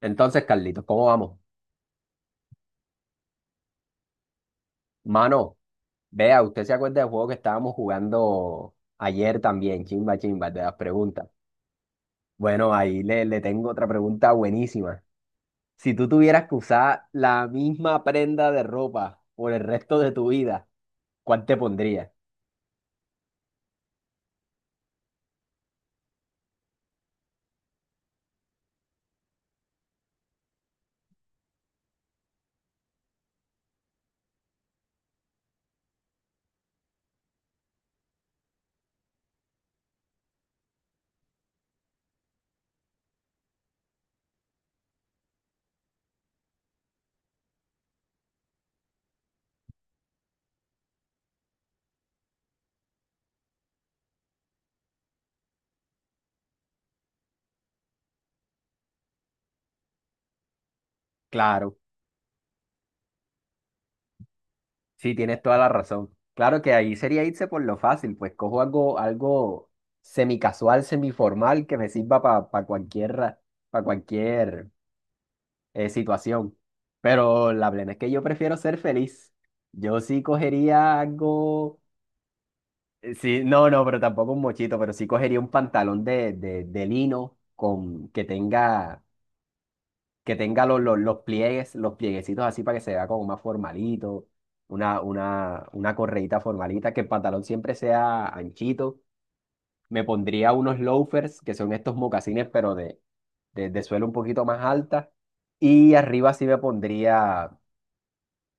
Entonces, Carlitos, ¿cómo vamos? Mano, vea, usted se acuerda del juego que estábamos jugando ayer también, chimba, chimba, el de las preguntas. Bueno, ahí le tengo otra pregunta buenísima. Si tú tuvieras que usar la misma prenda de ropa por el resto de tu vida, ¿cuál te pondrías? Claro, sí, tienes toda la razón. Claro que ahí sería irse por lo fácil, pues cojo algo semicasual, semiformal que me sirva para cualquier, para cualquier situación. Pero la plena es que yo prefiero ser feliz. Yo sí cogería algo, sí, no, no, pero tampoco un mochito, pero sí cogería un pantalón de lino con que tenga los pliegues, los plieguecitos así para que se vea como más formalito, una correíta formalita, que el pantalón siempre sea anchito. Me pondría unos loafers, que son estos mocasines, pero de suelo un poquito más alta. Y arriba sí me pondría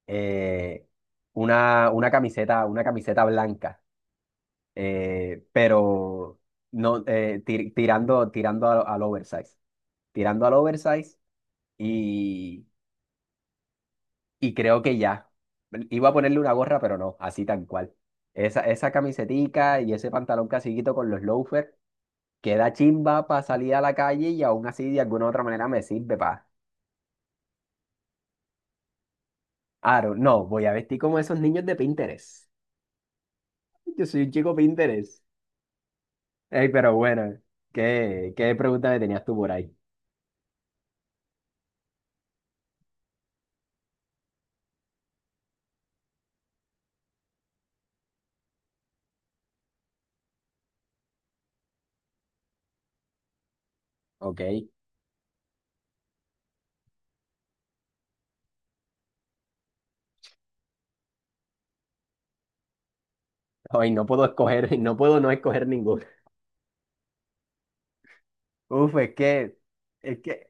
eh, una camiseta blanca, pero no, tirando al oversize y, y creo que ya. Iba a ponerle una gorra, pero no, así tan cual. Esa camisetica y ese pantalón casiguito con los loafers queda chimba para salir a la calle y aún así de alguna u otra manera me sirve para. Aro, no, voy a vestir como esos niños de Pinterest. Yo soy un chico Pinterest. Ey, pero bueno, ¿qué pregunta me tenías tú por ahí? Ok. Hoy no puedo escoger, no puedo no escoger ninguna. Uf, es que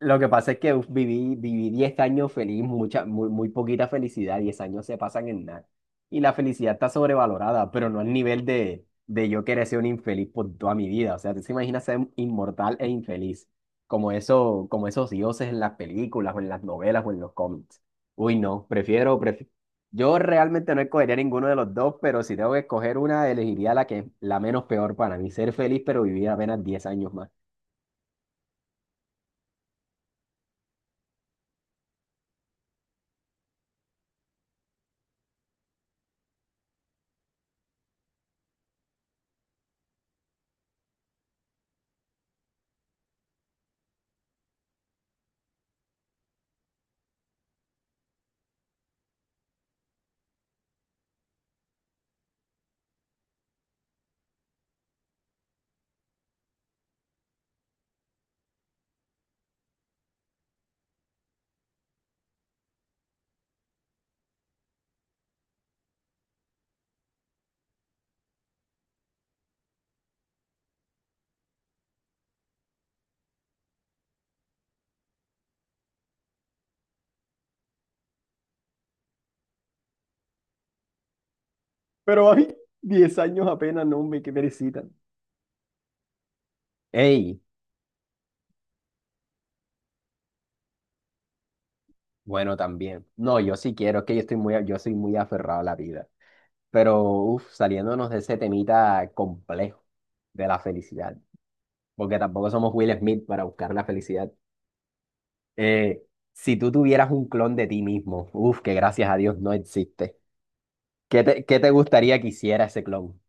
lo que pasa es que uf, viví 10 años feliz, muy poquita felicidad, 10 años se pasan en nada. Y la felicidad está sobrevalorada, pero no al nivel de yo querer ser un infeliz por toda mi vida. O sea, tú te imaginas ser inmortal e infeliz, como esos dioses en las películas o en las novelas o en los cómics. Uy, no. Yo realmente no escogería ninguno de los dos, pero si tengo que escoger una, elegiría la menos peor para mí, ser feliz pero vivir apenas 10 años más. Pero hay 10 años apenas, no, me que perecita. Ey, bueno, también. No, yo sí quiero, es que yo soy muy aferrado a la vida. Pero, saliéndonos de ese temita complejo de la felicidad, porque tampoco somos Will Smith para buscar la felicidad. Eh, si tú tuvieras un clon de ti mismo, que gracias a Dios no existe, ¿qué te gustaría que hiciera ese clon?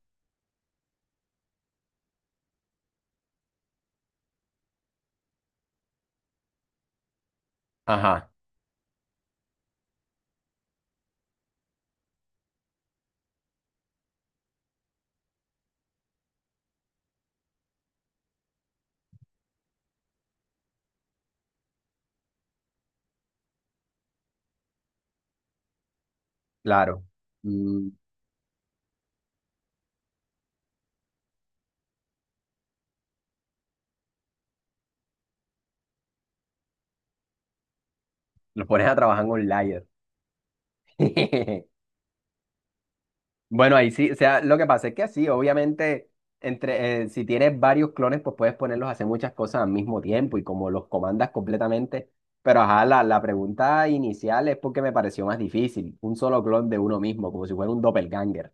Ajá, claro. Mm, lo pones a trabajar en un layer. Bueno, ahí sí, o sea, lo que pasa es que sí, obviamente, si tienes varios clones, pues puedes ponerlos a hacer muchas cosas al mismo tiempo y como los comandas completamente. Pero ajá, la pregunta inicial es porque me pareció más difícil, un solo clon de uno mismo, como si fuera un doppelganger.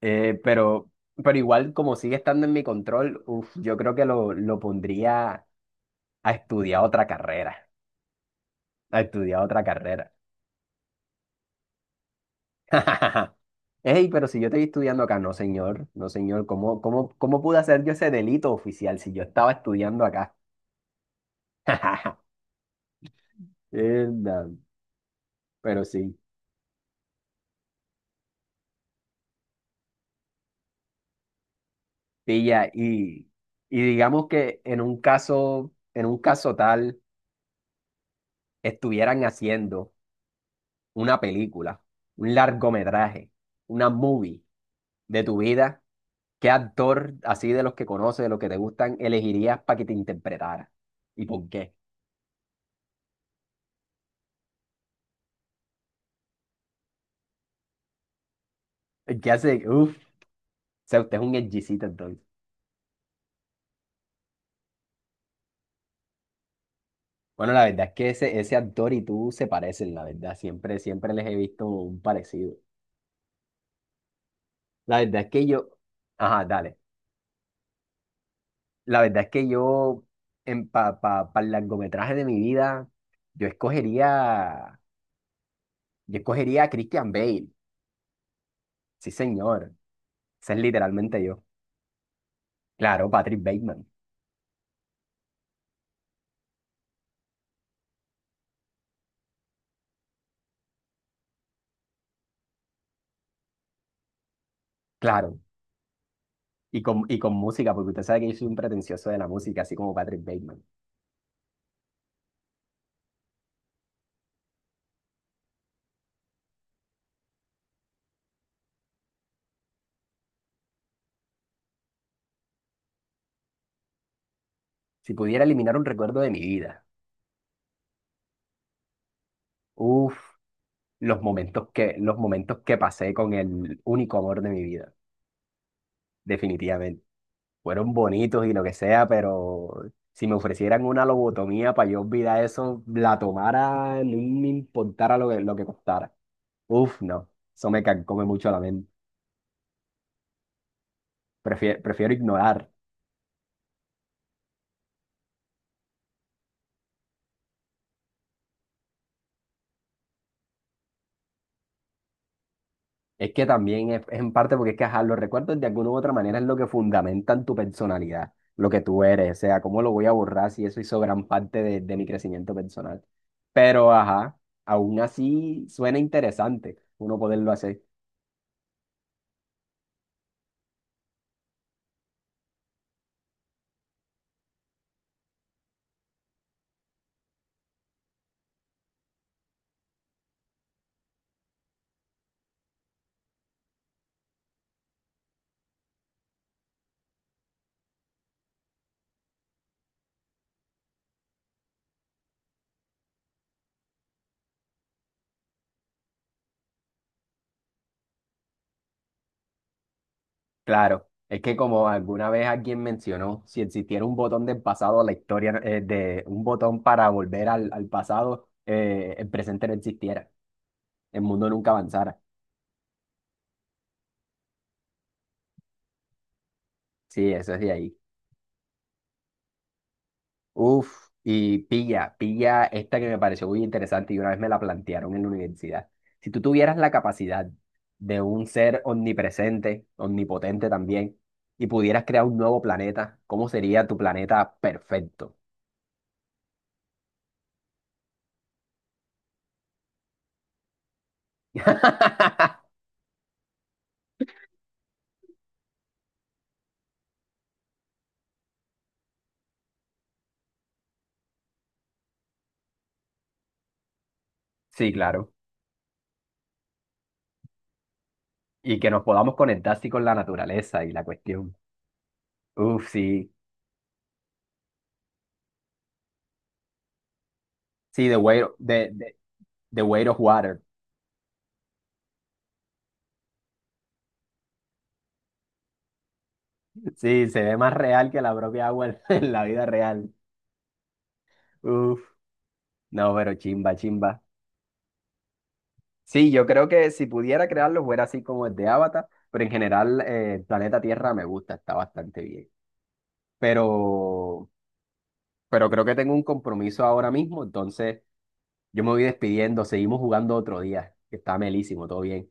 Eh, pero, pero igual, como sigue estando en mi control, uf, yo creo que lo pondría a estudiar otra carrera. Ey, pero si yo estoy estudiando acá, no señor, no señor, ¿cómo pude hacer yo ese delito oficial si yo estaba estudiando acá? Enda, pero sí, pilla, y digamos que en un caso, tal, estuvieran haciendo una película, un largometraje, una movie de tu vida, ¿qué actor así de los que conoces, de los que te gustan, elegirías para que te interpretara? ¿Y por qué? ¿Qué hace? Uf, o sea, usted es un edgycita. Bueno, la verdad es que ese actor y tú se parecen, la verdad. Siempre, siempre les he visto un parecido. La verdad es que yo, ajá, dale. La verdad es que yo, para el largometraje de mi vida, yo escogería, yo escogería a Christian Bale. Sí, señor. Ese es literalmente yo. Claro, Patrick Bateman. Claro. Y con música, porque usted sabe que yo soy un pretencioso de la música, así como Patrick Bateman. Si pudiera eliminar un recuerdo de mi vida. Uf. Los momentos que pasé con el único amor de mi vida, definitivamente. Fueron bonitos y lo que sea, pero si me ofrecieran una lobotomía para yo olvidar eso, la tomara, no me importara lo que costara. Uf, no, eso me carcome mucho la mente. Prefiero ignorar. Es que también es en parte porque es que ajá, los recuerdos de alguna u otra manera es lo que fundamentan tu personalidad, lo que tú eres, o sea, cómo lo voy a borrar si eso hizo gran parte de mi crecimiento personal. Pero ajá, aún así suena interesante uno poderlo hacer. Claro, es que como alguna vez alguien mencionó, si existiera un botón del pasado, la historia de un botón para volver al pasado, el presente no existiera, el mundo nunca avanzara. Sí, eso es de ahí. Uf, y pilla, pilla esta que me pareció muy interesante y una vez me la plantearon en la universidad. Si tú tuvieras la capacidad de un ser omnipresente, omnipotente también, y pudieras crear un nuevo planeta, ¿cómo sería tu planeta perfecto? Sí, claro. Y que nos podamos conectar así con la naturaleza y la cuestión. Uf, sí. Sí, The Way, the Weight of Water. Sí, se ve más real que la propia agua en la vida real. Uf, no, pero chimba, chimba. Sí, yo creo que si pudiera crearlo fuera así como el de Avatar, pero en general el planeta Tierra me gusta, está bastante bien. Pero, pero creo que tengo un compromiso ahora mismo, entonces yo me voy despidiendo, seguimos jugando otro día, que está melísimo, todo bien.